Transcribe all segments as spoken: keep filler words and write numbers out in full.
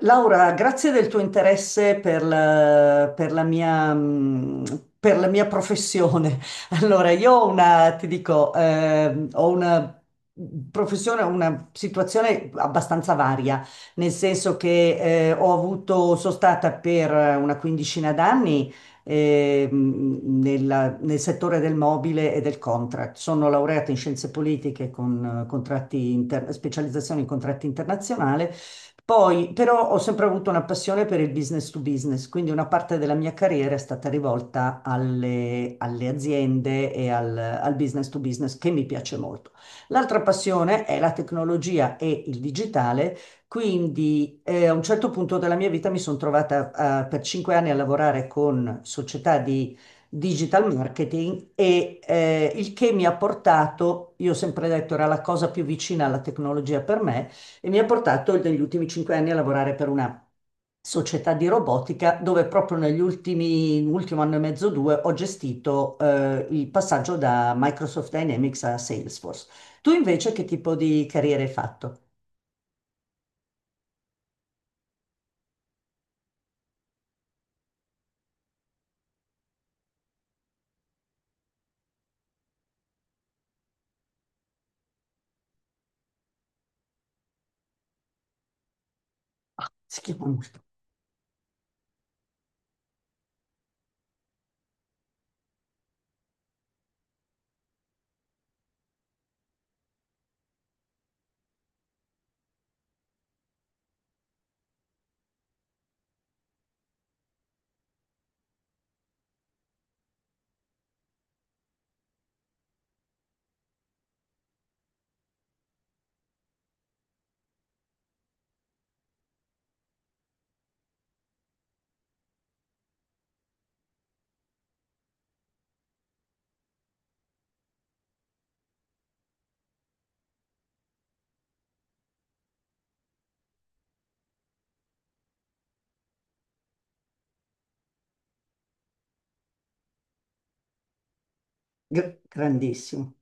Laura, grazie del tuo interesse per la, per la mia, mm, per la mia professione. Allora, io ho una, ti dico, ehm, ho una professione, una situazione abbastanza varia, nel senso che eh, ho avuto, sono stata per una quindicina d'anni, ehm, nella- nel settore del mobile e del contract. Sono laureata in scienze politiche con eh, contratti inter- specializzazione in contratti internazionali. Poi, però, ho sempre avuto una passione per il business to business, quindi una parte della mia carriera è stata rivolta alle, alle aziende e al, al business to business, che mi piace molto. L'altra passione è la tecnologia e il digitale, quindi eh, a un certo punto della mia vita mi sono trovata eh, per cinque anni a lavorare con società di digital marketing e eh, il che mi ha portato, io ho sempre detto, era la cosa più vicina alla tecnologia per me, e mi ha portato negli ultimi cinque anni a lavorare per una società di robotica, dove proprio negli ultimi, ultimo anno e mezzo, due, ho gestito eh, il passaggio da Microsoft Dynamics a Salesforce. Tu invece che tipo di carriera hai fatto? Si chiama molto. Gr- grandissimo.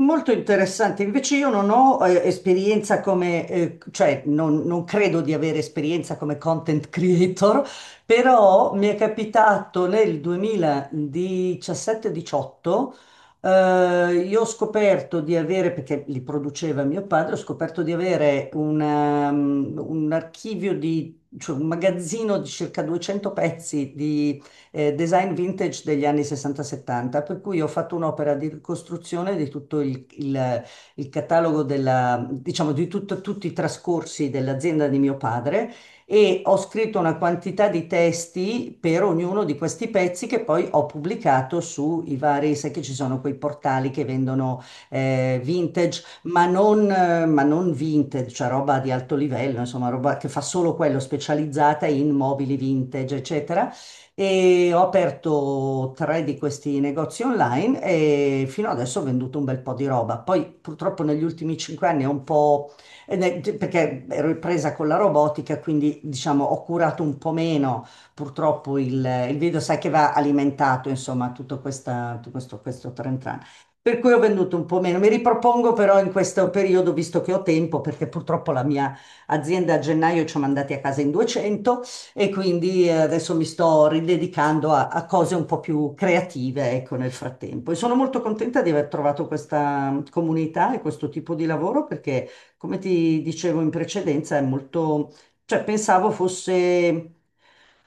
Molto interessante, invece io non ho eh, esperienza come, eh, cioè non, non credo di avere esperienza come content creator, però mi è capitato nel duemiladiciassette-diciotto, eh, io ho scoperto di avere, perché li produceva mio padre, ho scoperto di avere un, um, un archivio di, cioè un magazzino di circa duecento pezzi di eh, design vintage degli anni sessanta settanta, per cui ho fatto un'opera di ricostruzione di tutto il, il- il catalogo della, diciamo, di tutto- tutti i trascorsi dell'azienda di mio padre, e ho scritto una quantità di testi per ognuno di questi pezzi che poi ho pubblicato sui vari, sai che ci sono quei portali che vendono eh, vintage, ma non, eh, ma non vintage, cioè roba di alto livello, insomma, roba che fa solo quello, specializzata in mobili vintage, eccetera. E ho aperto tre di questi negozi online e fino adesso ho venduto un bel po' di roba. Poi purtroppo negli ultimi cinque anni ho un po', eh, ne- perché ero presa con la robotica, quindi diciamo ho curato un po' meno purtroppo il, il video, sai che va alimentato, insomma, tutto questa, tutto questo, questo tran tran. Per cui ho venduto un po' meno. Mi ripropongo però in questo periodo, visto che ho tempo, perché purtroppo la mia azienda a gennaio ci ha mandati a casa in duecento, e quindi eh, adesso mi sto ridedicando a, a cose un po' più creative, ecco, nel frattempo. E sono molto contenta di aver trovato questa mm, comunità e questo tipo di lavoro perché, come ti dicevo in precedenza, è molto, cioè pensavo fosse,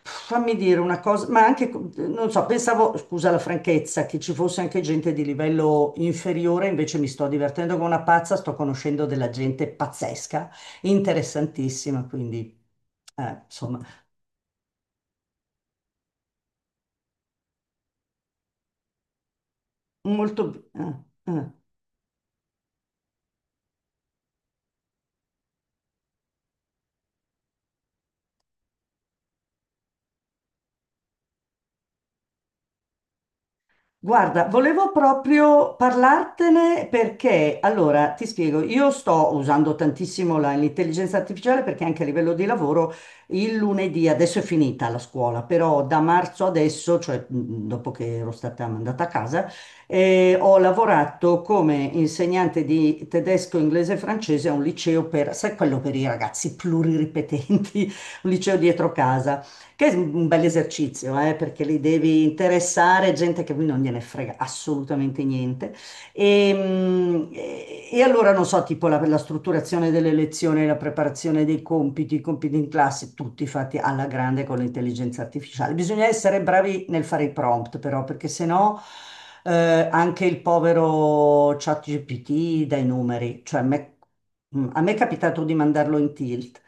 fammi dire una cosa, ma anche, non so, pensavo, scusa la franchezza, che ci fosse anche gente di livello inferiore, invece mi sto divertendo come una pazza, sto conoscendo della gente pazzesca, interessantissima, quindi, eh, insomma. Molto bene. Guarda, volevo proprio parlartene perché, allora, ti spiego, io sto usando tantissimo la- l'intelligenza artificiale, perché anche a livello di lavoro il lunedì, adesso è finita la scuola, però da marzo adesso, cioè mh, dopo che ero stata mandata a casa, eh, ho lavorato come insegnante di tedesco, inglese e francese a un liceo per, sai, quello per i ragazzi pluriripetenti, un liceo dietro casa. Che è un bel esercizio, eh, perché li devi interessare gente che non gliene frega assolutamente niente. E, mh, e- e allora, non so, tipo la, la strutturazione delle lezioni, la preparazione dei compiti, i compiti in classe, tutti fatti alla grande con l'intelligenza artificiale. Bisogna essere bravi nel fare i prompt, però, perché sennò eh, anche il povero ChatGPT dà i numeri. Cioè, a me, mm, a me è capitato di mandarlo in tilt.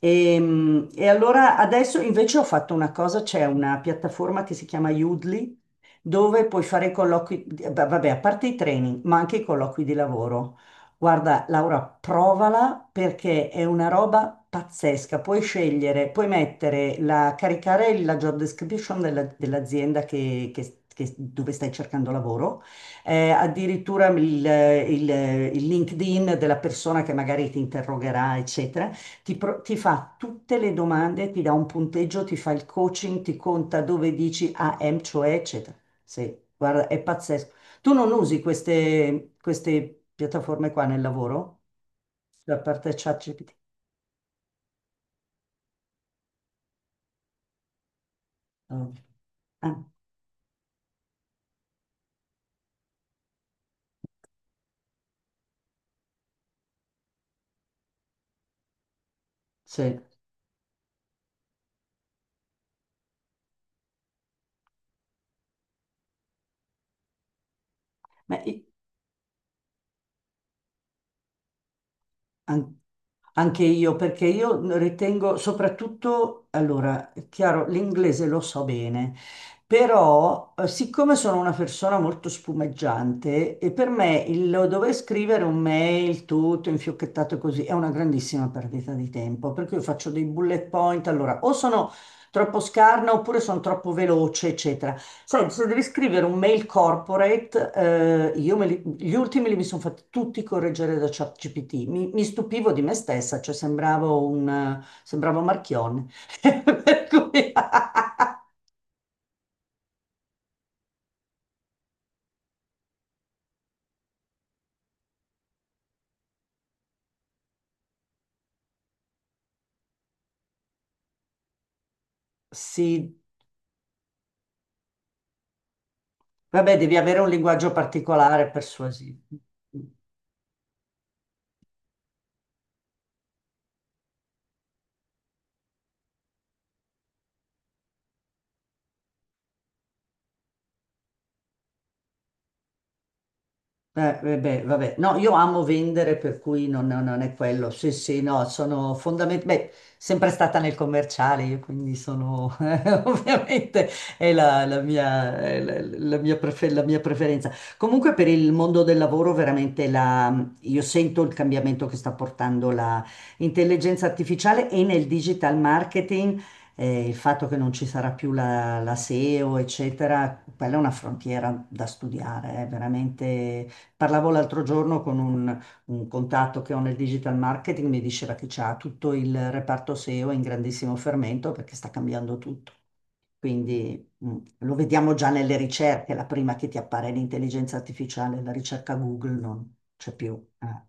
E, e allora adesso invece ho fatto una cosa, c'è una piattaforma che si chiama Udly, dove puoi fare i colloqui, eh, va- vabbè, a parte i training, ma anche i colloqui di lavoro. Guarda, Laura, provala perché è una roba pazzesca. Puoi scegliere, puoi mettere la, caricare la job description della- dell'azienda che- che- che- dove stai cercando lavoro, eh, addirittura il, il il LinkedIn della persona che magari ti interrogherà, eccetera. Ti, pro- ti fa tutte le domande, ti dà un punteggio, ti fa il coaching, ti conta dove dici A M, cioè, eccetera. Sì, guarda, è pazzesco. Tu non usi queste, queste piattaforme qua nel lavoro? Da parte ChatGPT? No. Ah, sì. Ma i- An- Anche io, perché io ritengo soprattutto, allora, è chiaro, l'inglese lo so bene, però eh, siccome sono una persona molto spumeggiante, e per me il dover scrivere un mail tutto infiocchettato così è una grandissima perdita di tempo, perché io faccio dei bullet point, allora, o sono troppo scarna oppure sono troppo veloce, eccetera. Senti, se devi scrivere un mail corporate, eh, io me li- gli ultimi li mi sono fatti tutti correggere da ChatGPT. Mi, mi stupivo di me stessa, cioè sembravo un, sembravo Marchione. Per cui- Sì, vabbè, devi avere un linguaggio particolare, persuasivo. Eh, eh, beh, vabbè, no, io amo vendere, per cui non, non- non è quello. Sì, sì, no, sono fondamentalmente, beh, sempre stata nel commerciale, io, quindi sono, eh, ovviamente, è la, la mia, è la- la mia prefe- la mia preferenza. Comunque per il mondo del lavoro, veramente, la, io sento il cambiamento che sta portando la intelligenza artificiale e nel digital marketing. Eh, il fatto che non ci sarà più la, la seo, eccetera, quella è una frontiera da studiare, è veramente. Parlavo l'altro giorno con un, un contatto che ho nel digital marketing, mi diceva che c'ha tutto il reparto seo in grandissimo fermento perché sta cambiando tutto. Quindi mm, lo vediamo già nelle ricerche, la prima che ti appare è l'intelligenza artificiale, la ricerca Google non c'è più. eh.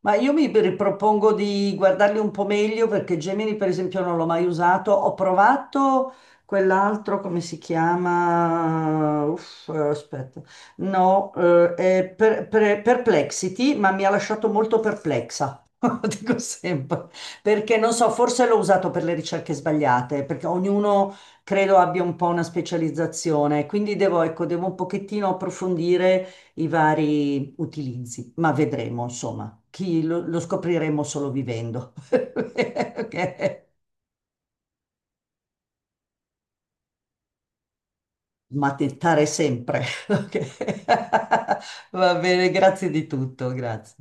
Ma io mi ripropongo di guardarli un po' meglio, perché Gemini, per esempio, non l'ho mai usato. Ho provato quell'altro, come si chiama? Uff, eh, aspetta. No, eh, è per- per- Perplexity, ma mi ha lasciato molto perplexa. Lo dico sempre, perché non so, forse l'ho usato per le ricerche sbagliate, perché ognuno credo abbia un po' una specializzazione, quindi devo, ecco, devo un pochettino approfondire i vari utilizzi, ma vedremo, insomma, chi lo, lo scopriremo solo vivendo. Ok? Mattare sempre. Ok? Va bene, grazie di tutto, grazie.